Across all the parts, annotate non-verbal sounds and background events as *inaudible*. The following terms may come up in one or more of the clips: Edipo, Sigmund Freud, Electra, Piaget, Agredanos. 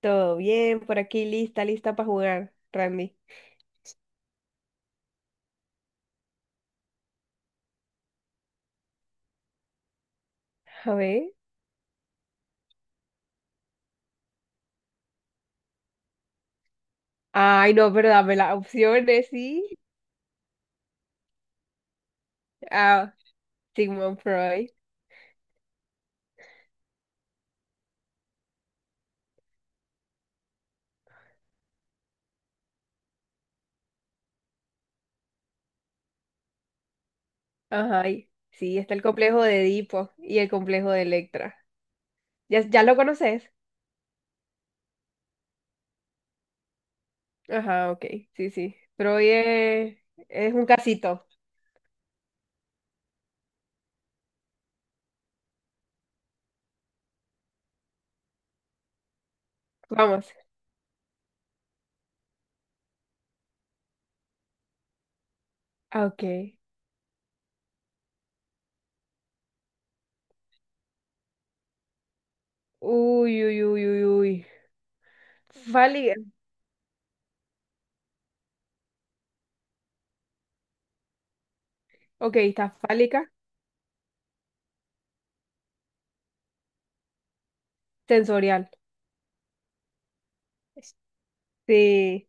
Todo bien, por aquí lista, lista para jugar, Randy. A ver. Ay, no, pero dame las opciones, sí. Ah, Sigmund Freud. Ajá, sí, está el complejo de Edipo y el complejo de Electra. ¿Ya lo conoces? Ajá, ok, sí, sí. Freud es un casito. Vamos. Ah, ok. Uy, uy, uy, uy, uy. Fálica. Ok, está fálica, sensorial. Sí,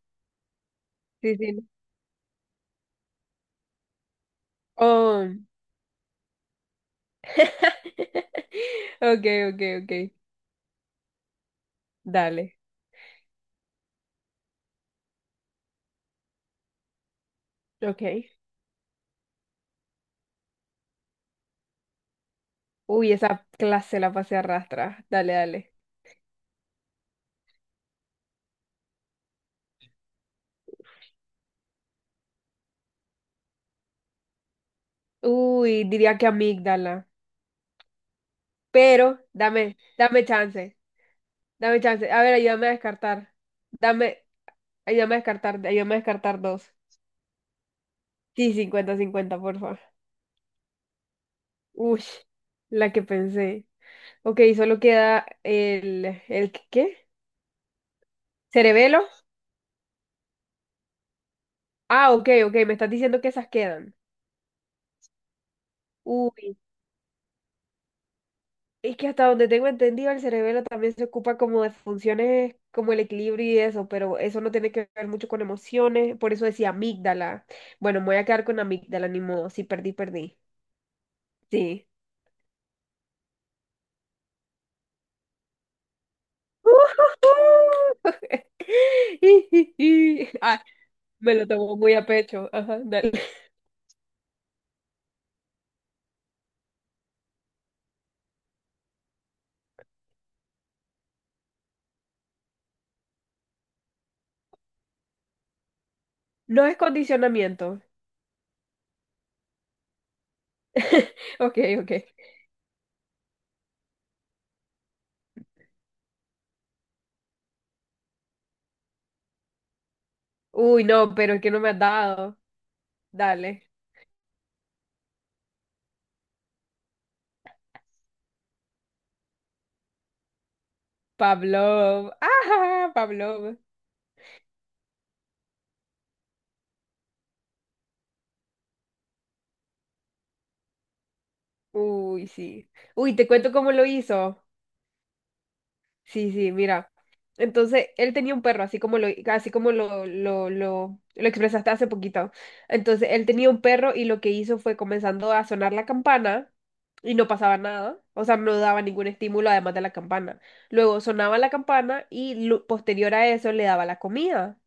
sí, sí. Oh. *laughs* Ok, ok, ok. Dale. Ok. Uy, esa clase la pasé a arrastra. Dale, dale. Uy, diría que amígdala. Pero, dame chance. Dame chance. A ver, ayúdame a descartar. Dame, ayúdame a descartar dos. Sí, 50-50, por favor. Uy, la que pensé. Ok, solo queda el, ¿qué? ¿Cerebelo? Ah, ok, ok, me estás diciendo que esas quedan. Uy. Es que hasta donde tengo entendido, el cerebelo también se ocupa como de funciones como el equilibrio y eso, pero eso no tiene que ver mucho con emociones, por eso decía amígdala. Bueno, me voy a quedar con amígdala, ni modo, si perdí, perdí. Sí. *laughs* Ah, me lo tomo muy a pecho. Ajá, dale. No es condicionamiento. Ok, ok. Uy, no, pero es que no me has dado. Dale. Pablo. Ajá, Pablo. Uy, sí. Uy, te cuento cómo lo hizo. Sí, sí, mira. Entonces, él tenía un perro, así como lo expresaste hace poquito. Entonces, él tenía un perro y lo que hizo fue comenzando a sonar la campana y no pasaba nada. O sea, no daba ningún estímulo además de la campana. Luego sonaba la campana y posterior a eso le daba la comida.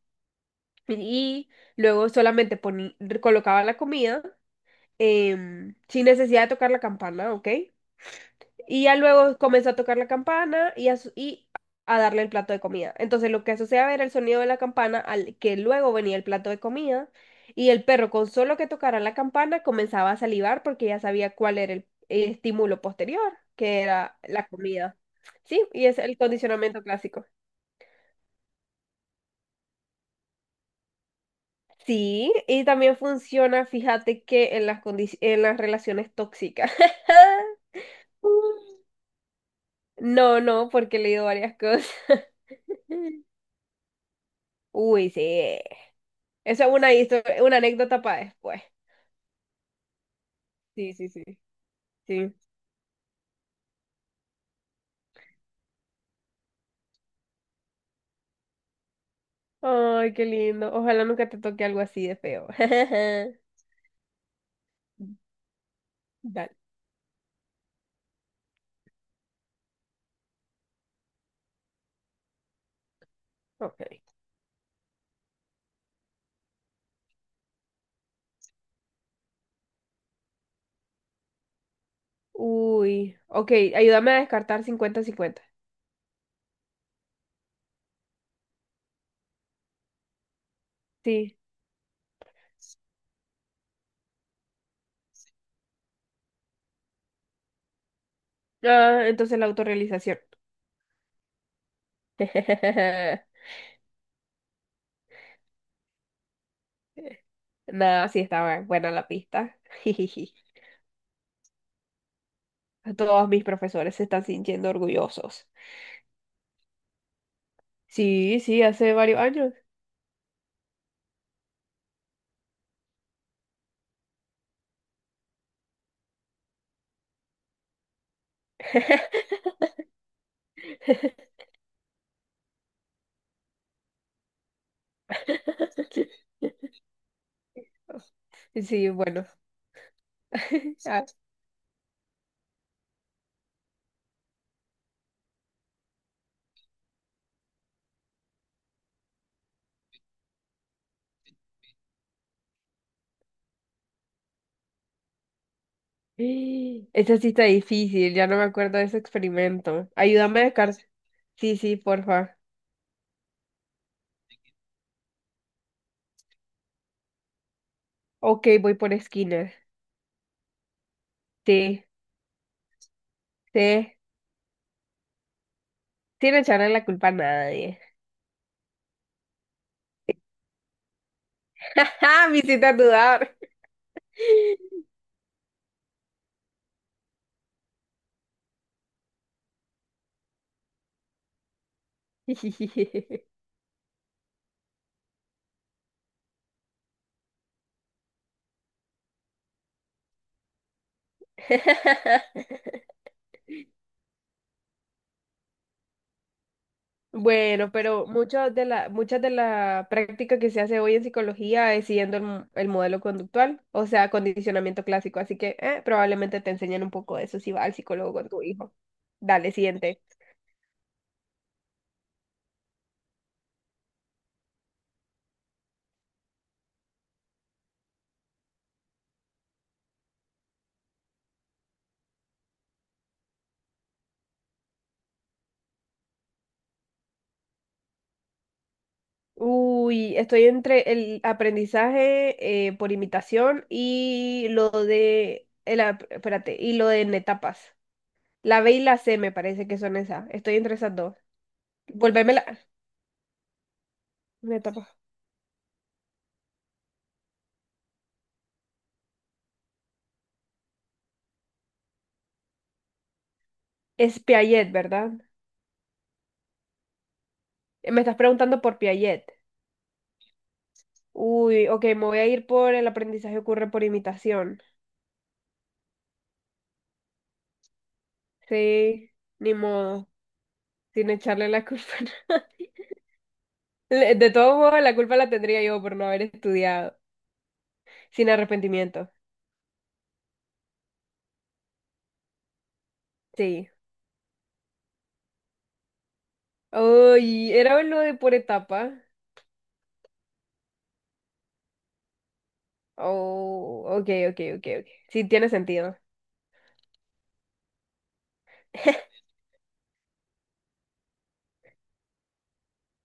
Y luego solamente colocaba la comida sin necesidad de tocar la campana, ¿ok? Y ya luego comenzó a tocar la campana y a darle el plato de comida. Entonces lo que asociaba era el sonido de la campana al que luego venía el plato de comida. Y el perro con solo que tocara la campana comenzaba a salivar porque ya sabía cuál era el estímulo posterior, que era la comida. Sí, y es el condicionamiento clásico. Sí, y también funciona, fíjate que en las en las relaciones tóxicas. *laughs* No, no, porque he leído varias cosas. *laughs* Uy, sí. Esa es una, una anécdota para después. Sí, sí, sí, sí. Ay, qué lindo. Ojalá nunca te toque algo así de feo. *laughs* Dale, ok. Uy, ok, ayúdame a descartar 50-50. Sí. Ah, entonces la autorrealización. *laughs* Nada, sí estaba buena la pista. *laughs* Todos mis profesores se están sintiendo orgullosos. Sí, sí, hace varios años. *laughs* Sí, bueno. *laughs* *gasps* Esa sí está difícil, ya no me acuerdo de ese experimento. Ayúdame de cárcel. Sí, sí, porfa. Ok, voy por esquinas. Sí, sí. Sin echarle la culpa a nadie. *laughs* Me hiciste dudar. *laughs* Bueno, pero muchas de la práctica que se hace hoy en psicología es siguiendo el modelo conductual, o sea, condicionamiento clásico. Así que probablemente te enseñen un poco de eso si vas al psicólogo con tu hijo. Dale, siguiente. Uy, estoy entre el aprendizaje por imitación y lo de, espérate, y lo de en etapas. La B y la C me parece que son esas. Estoy entre esas dos. Volverme la en etapas. Es Piaget, ¿verdad? Me estás preguntando por Piaget. Uy, ok, me voy a ir por el aprendizaje ocurre por imitación. Sí, ni modo, sin echarle la culpa. *laughs* De todos modos, la culpa la tendría yo por no haber estudiado, sin arrepentimiento. Sí. Uy, era lo de por etapa. Oh, ok, ok, ok, ok. Sí, tiene sentido. *laughs*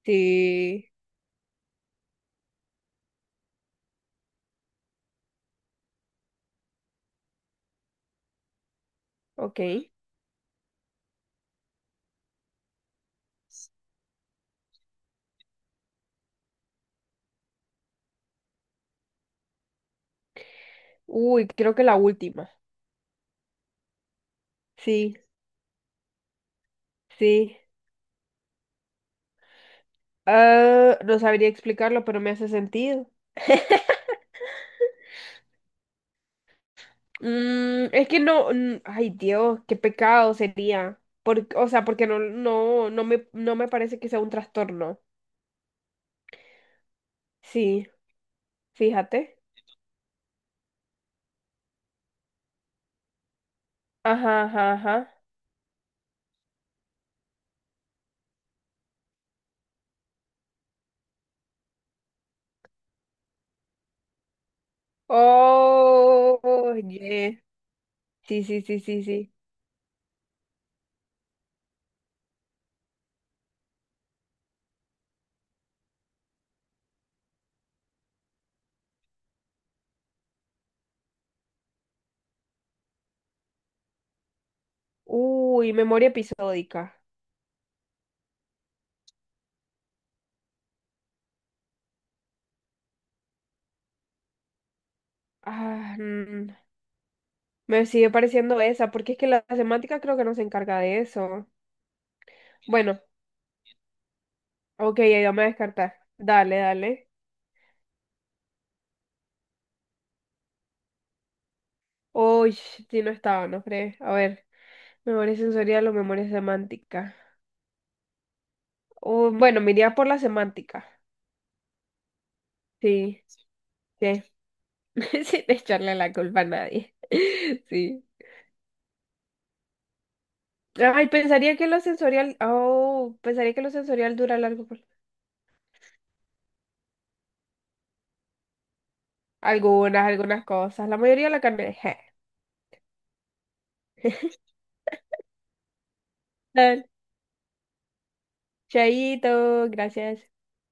Sí, ok. Uy, creo que la última. Sí, sí. Ah, no sabría explicarlo, pero me hace sentido. *laughs* Es que no, ay Dios, qué pecado sería. Por- o sea, porque no me parece que sea un trastorno. Sí, fíjate. Ajá, ajá, ajá. Oh, yeah. Sí, sí, sí, sí, sí. Uy, memoria episódica. Ah, me sigue pareciendo esa, porque es que la semántica creo que no se encarga de eso. Bueno, ok, ahí vamos a descartar. Dale, dale. Uy, si no estaba, no crees. A ver, memoria sensorial o memoria semántica. Oh, bueno, me iría por la semántica. Sí, sí. *laughs* Sin echarle la culpa a nadie. *laughs* Sí. Ay, pensaría que lo sensorial, oh, pensaría que lo sensorial dura largo. Por- Algunas cosas. La mayoría la carne. *laughs* Dale, Chaito, gracias.